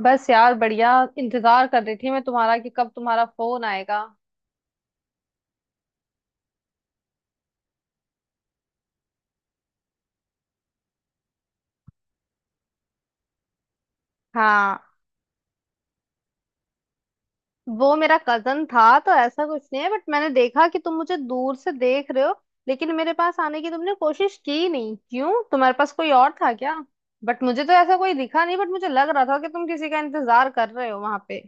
बस यार बढ़िया। इंतजार कर रही थी मैं तुम्हारा कि कब तुम्हारा फोन आएगा। हाँ। वो मेरा कजन था तो ऐसा कुछ नहीं है बट मैंने देखा कि तुम मुझे दूर से देख रहे हो। लेकिन मेरे पास आने की तुमने कोशिश की नहीं, क्यों? तुम्हारे पास कोई और था क्या? बट मुझे तो ऐसा कोई दिखा नहीं, बट मुझे लग रहा था कि तुम किसी का इंतजार कर रहे हो वहां पे।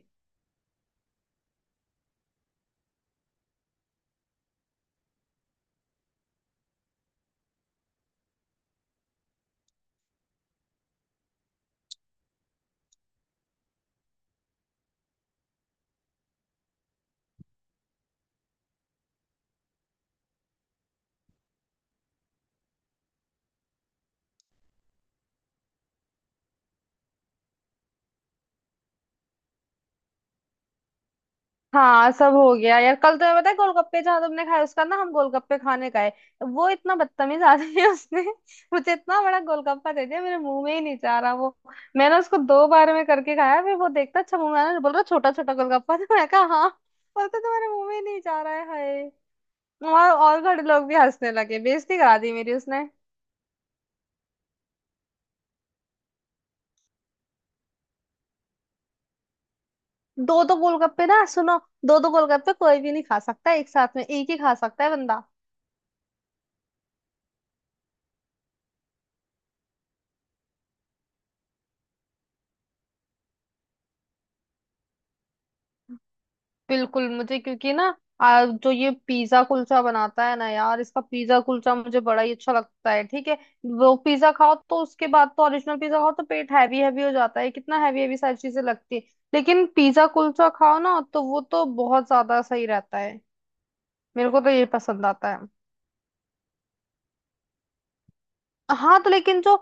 हाँ सब हो गया यार। कल तुम्हें पता है गोलगप्पे जहाँ तुमने खाए उसका ना हम गोलगप्पे खाने गए। वो इतना बदतमीज आदमी है उसने मुझे इतना बड़ा गोलगप्पा दे दिया, मेरे मुंह में ही नहीं जा रहा वो। मैंने उसको दो बार में करके खाया, फिर वो देखता अच्छा मुंह में आ रहा है? बोल रहा छोटा छोटा गोलगप्पा तो मैं कहा हाँ, बोलते तुम्हारे मुंह में ही नहीं जा रहा है, हाय। और घर लोग भी हंसने लगे, बेइज्जती करा दी मेरी उसने। दो दो गोलगप्पे ना, सुनो। दो दो गोलगप्पे कोई भी नहीं खा सकता, एक साथ में एक ही खा सकता है बंदा। बिल्कुल मुझे, क्योंकि ना जो ये पिज्जा कुलचा बनाता है ना यार, इसका पिज्जा कुलचा मुझे बड़ा ही अच्छा लगता है, ठीक है। वो पिज्जा खाओ तो उसके बाद तो, ओरिजिनल पिज्जा खाओ तो पेट हैवी हैवी हो जाता है, कितना हैवी हैवी सारी चीजें लगती है। लेकिन पिज्जा कुलचा खाओ ना तो वो तो बहुत ज्यादा सही रहता है। मेरे को तो ये पसंद आता है। हाँ तो लेकिन जो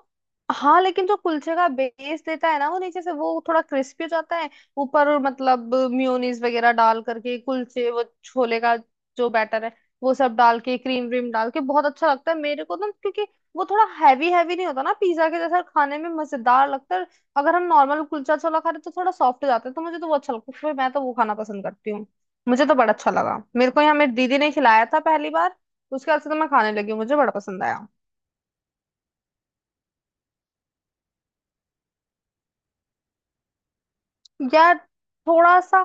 हाँ, लेकिन जो कुलचे का बेस देता है ना, वो नीचे से वो थोड़ा क्रिस्पी हो जाता है। ऊपर मतलब मेयोनीज वगैरह डाल करके कुलचे, वो छोले का जो बैटर है वो सब डाल के, क्रीम व्रीम डाल के बहुत अच्छा लगता है मेरे को ना, क्योंकि वो थोड़ा हैवी हैवी नहीं होता ना पिज्जा के जैसा, खाने में मजेदार लगता है। अगर हम नॉर्मल कुलचा छोला खा रहे तो थोड़ा सॉफ्ट हो जाता है, तो मुझे तो वो अच्छा लगता है, फिर मैं तो वो खाना पसंद करती हूँ। मुझे तो बड़ा अच्छा लगा, मेरे को यहाँ मेरी दीदी ने खिलाया था पहली बार। उसके बाद से तो मैं खाने लगी, मुझे बड़ा पसंद आया। यार, थोड़ा सा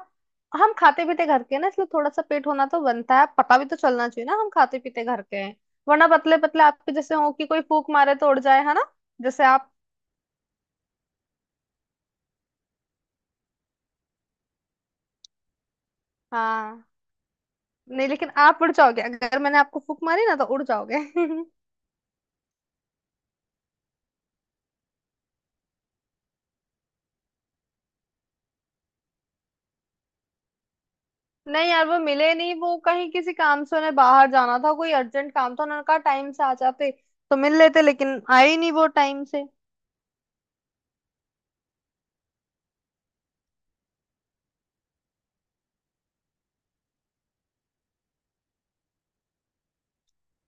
हम खाते पीते घर के हैं ना, इसलिए थोड़ा सा पेट होना तो बनता है, पता भी तो चलना चाहिए ना हम खाते पीते घर के हैं। वरना पतले पतले आपके जैसे हो कि कोई फूक मारे तो उड़ जाए, है ना? जैसे आप। हाँ। नहीं लेकिन आप उड़ जाओगे, अगर मैंने आपको फूक मारी ना तो उड़ जाओगे नहीं यार वो मिले नहीं, वो कहीं किसी काम से उन्हें बाहर जाना था, कोई अर्जेंट काम था, उन्होंने कहा टाइम से आ जाते तो मिल लेते, लेकिन आए ही नहीं वो टाइम से।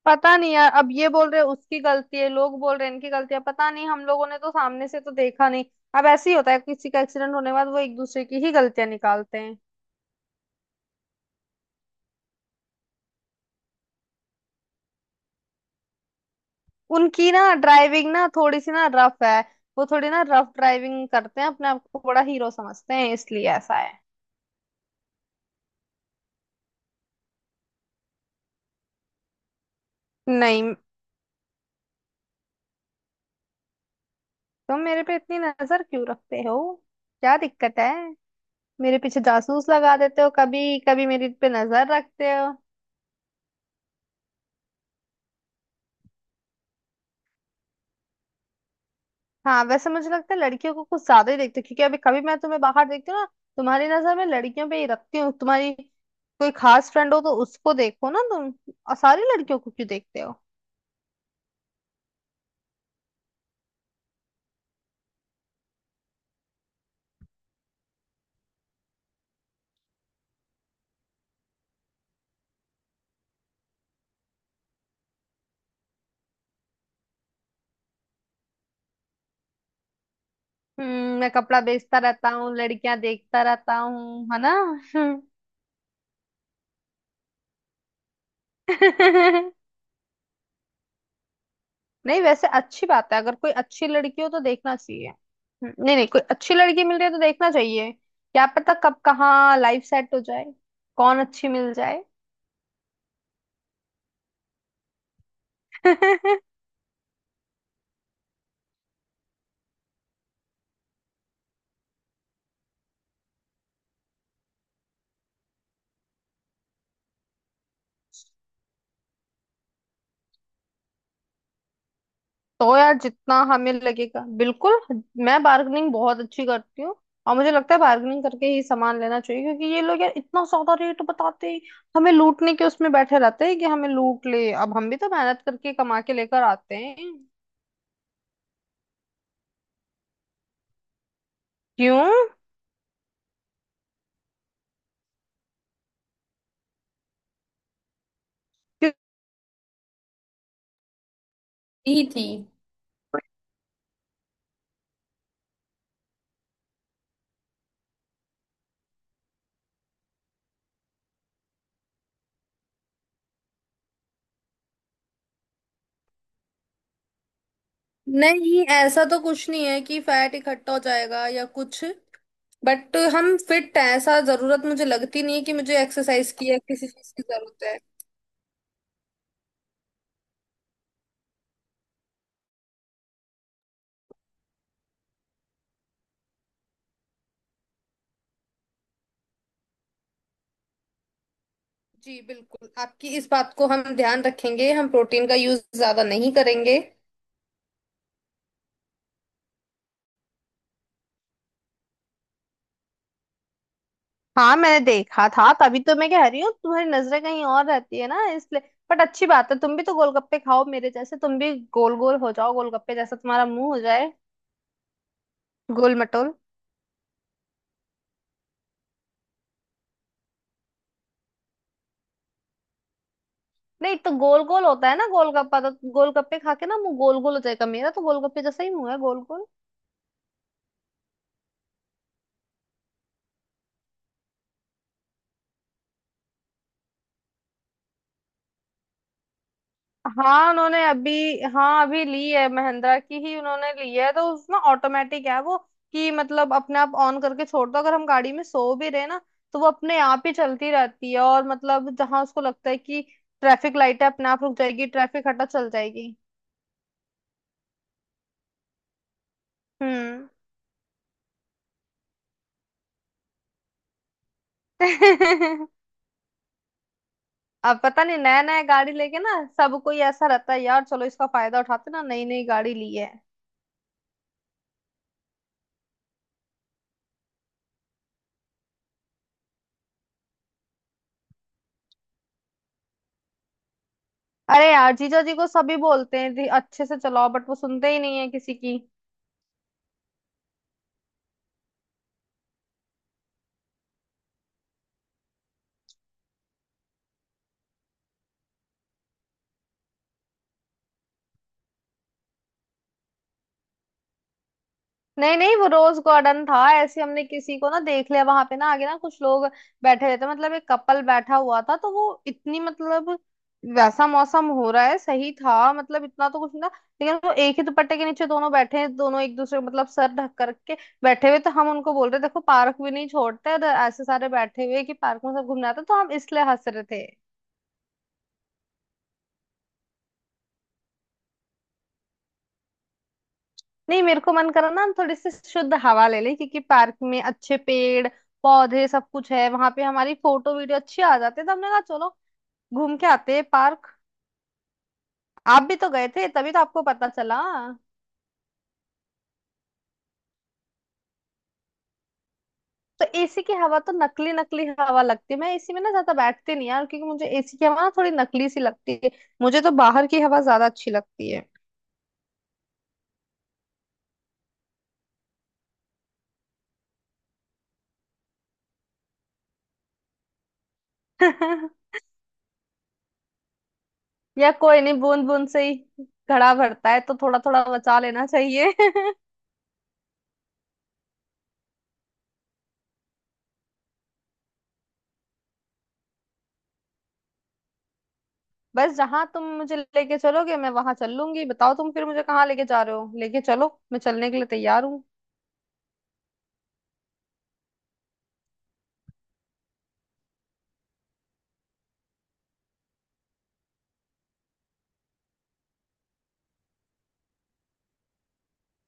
पता नहीं यार, अब ये बोल रहे हैं उसकी गलती है, लोग बोल रहे हैं इनकी गलती है, पता नहीं, हम लोगों ने तो सामने से तो देखा नहीं। अब ऐसे ही होता है, किसी का एक्सीडेंट होने के बाद वो एक दूसरे की ही गलतियां निकालते हैं। उनकी ना ड्राइविंग ना थोड़ी सी ना रफ है। वो थोड़ी ना रफ ड्राइविंग करते हैं, अपने आप को बड़ा हीरो समझते हैं, इसलिए ऐसा है। नहीं, तुम मेरे पे इतनी नजर क्यों रखते हो? क्या दिक्कत है? मेरे पीछे जासूस लगा देते हो, कभी कभी मेरे पे नजर रखते हो। हाँ वैसे मुझे लगता है लड़कियों को कुछ ज्यादा ही देखते हो, क्योंकि अभी कभी मैं तुम्हें बाहर देखती हूँ ना, तुम्हारी नजर में लड़कियों पे ही रखती हूँ तुम्हारी। कोई खास फ्रेंड हो तो उसको देखो ना तुम, और सारी लड़कियों को क्यों देखते हो? हम्म, मैं कपड़ा बेचता रहता हूँ, लड़कियां देखता रहता हूँ, है ना? हम्म। नहीं, वैसे अच्छी बात है, अगर कोई अच्छी लड़की हो तो देखना चाहिए। नहीं नहीं, कोई अच्छी लड़की मिल रही है तो देखना चाहिए, क्या पता कब कहाँ लाइफ सेट हो जाए। कौन अच्छी मिल जाए। तो यार जितना हमें लगेगा, बिल्कुल। मैं बार्गेनिंग बहुत अच्छी करती हूँ। और मुझे लगता है बार्गेनिंग करके ही सामान लेना चाहिए, क्योंकि ये लोग यार इतना ज्यादा रेट बताते हैं, हमें लूटने के उसमें बैठे रहते हैं कि हमें लूट ले, अब हम भी तो मेहनत करके कमा के लेकर आते हैं। क्यों? क्यों- ही थी। नहीं, ऐसा तो कुछ नहीं है कि फैट इकट्ठा हो जाएगा या कुछ। बट हम फिट हैं, ऐसा जरूरत मुझे लगती नहीं है कि मुझे एक्सरसाइज की या किसी चीज की जरूरत है। जी बिल्कुल, आपकी इस बात को हम ध्यान रखेंगे, हम प्रोटीन का यूज ज्यादा नहीं करेंगे। हाँ मैंने देखा था, तभी तो मैं कह रही हूँ तुम्हारी नजरें कहीं और रहती है ना, इसलिए। बट अच्छी बात है, तुम भी तो गोलगप्पे खाओ मेरे जैसे, तुम भी गोल गोल हो जाओ, गोलगप्पे जैसा तुम्हारा मुंह हो जाए। गोल मटोल। नहीं तो गोल गोल होता है ना गोलगप्पा, तो गोलगप्पे खा के ना मुंह गोल गोल हो जाएगा, मेरा तो गोलगप्पे जैसा ही मुंह है, गोल गोल। हाँ उन्होंने अभी हाँ, अभी ली है महिंद्रा की ही उन्होंने ली है, तो उस ना ऑटोमेटिक है वो, कि मतलब अपने आप ऑन करके छोड़ दो, अगर हम गाड़ी में सो भी रहे ना तो वो अपने आप ही चलती रहती है, और मतलब जहां उसको लगता है कि ट्रैफिक लाइट है अपने आप रुक जाएगी, ट्रैफिक हटा चल जाएगी। हम्म। अब पता नहीं, नया नया गाड़ी लेके ना सबको ही ऐसा रहता है यार, चलो इसका फायदा उठाते ना, नई नई गाड़ी ली है। अरे यार जीजा जी को सभी बोलते हैं जी अच्छे से चलाओ, बट वो सुनते ही नहीं है किसी की। नहीं नहीं वो रोज गार्डन था, ऐसे हमने किसी को ना देख लिया वहां पे, ना आगे ना, कुछ लोग बैठे रहते, मतलब एक कपल बैठा हुआ था, तो वो इतनी मतलब वैसा मौसम हो रहा है सही था, मतलब इतना तो कुछ ना। लेकिन वो एक ही दुपट्टे के नीचे दोनों बैठे हैं, दोनों एक दूसरे को मतलब सर ढक करके बैठे हुए, तो हम उनको बोल रहे देखो पार्क भी नहीं छोड़ते, और ऐसे सारे बैठे हुए कि, पार्क में सब घूमना था, तो हम इसलिए हंस रहे थे। नहीं मेरे को मन करा ना, हम थोड़ी सी शुद्ध हवा ले ले, क्योंकि पार्क में अच्छे पेड़ पौधे सब कुछ है, वहां पे हमारी फोटो वीडियो अच्छी आ जाती है, तो हमने कहा चलो घूम के आते हैं पार्क। आप भी तो गए थे, तभी तो आपको पता चला। तो एसी की हवा तो नकली नकली हवा लगती है, मैं एसी में ना ज्यादा बैठती नहीं यार, क्योंकि मुझे एसी की हवा ना थोड़ी नकली सी लगती है। मुझे तो बाहर की हवा ज्यादा अच्छी लगती है। या कोई नहीं, बूंद बूंद से ही घड़ा भरता है, तो थोड़ा थोड़ा बचा लेना चाहिए बस जहां तुम मुझे लेके चलोगे मैं वहां चल लूंगी, बताओ तुम फिर मुझे कहाँ लेके जा रहे हो, लेके चलो मैं चलने के लिए तैयार हूँ।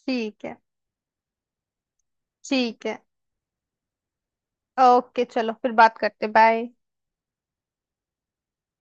ठीक है। ठीक है, ओके चलो फिर बात करते, बाय।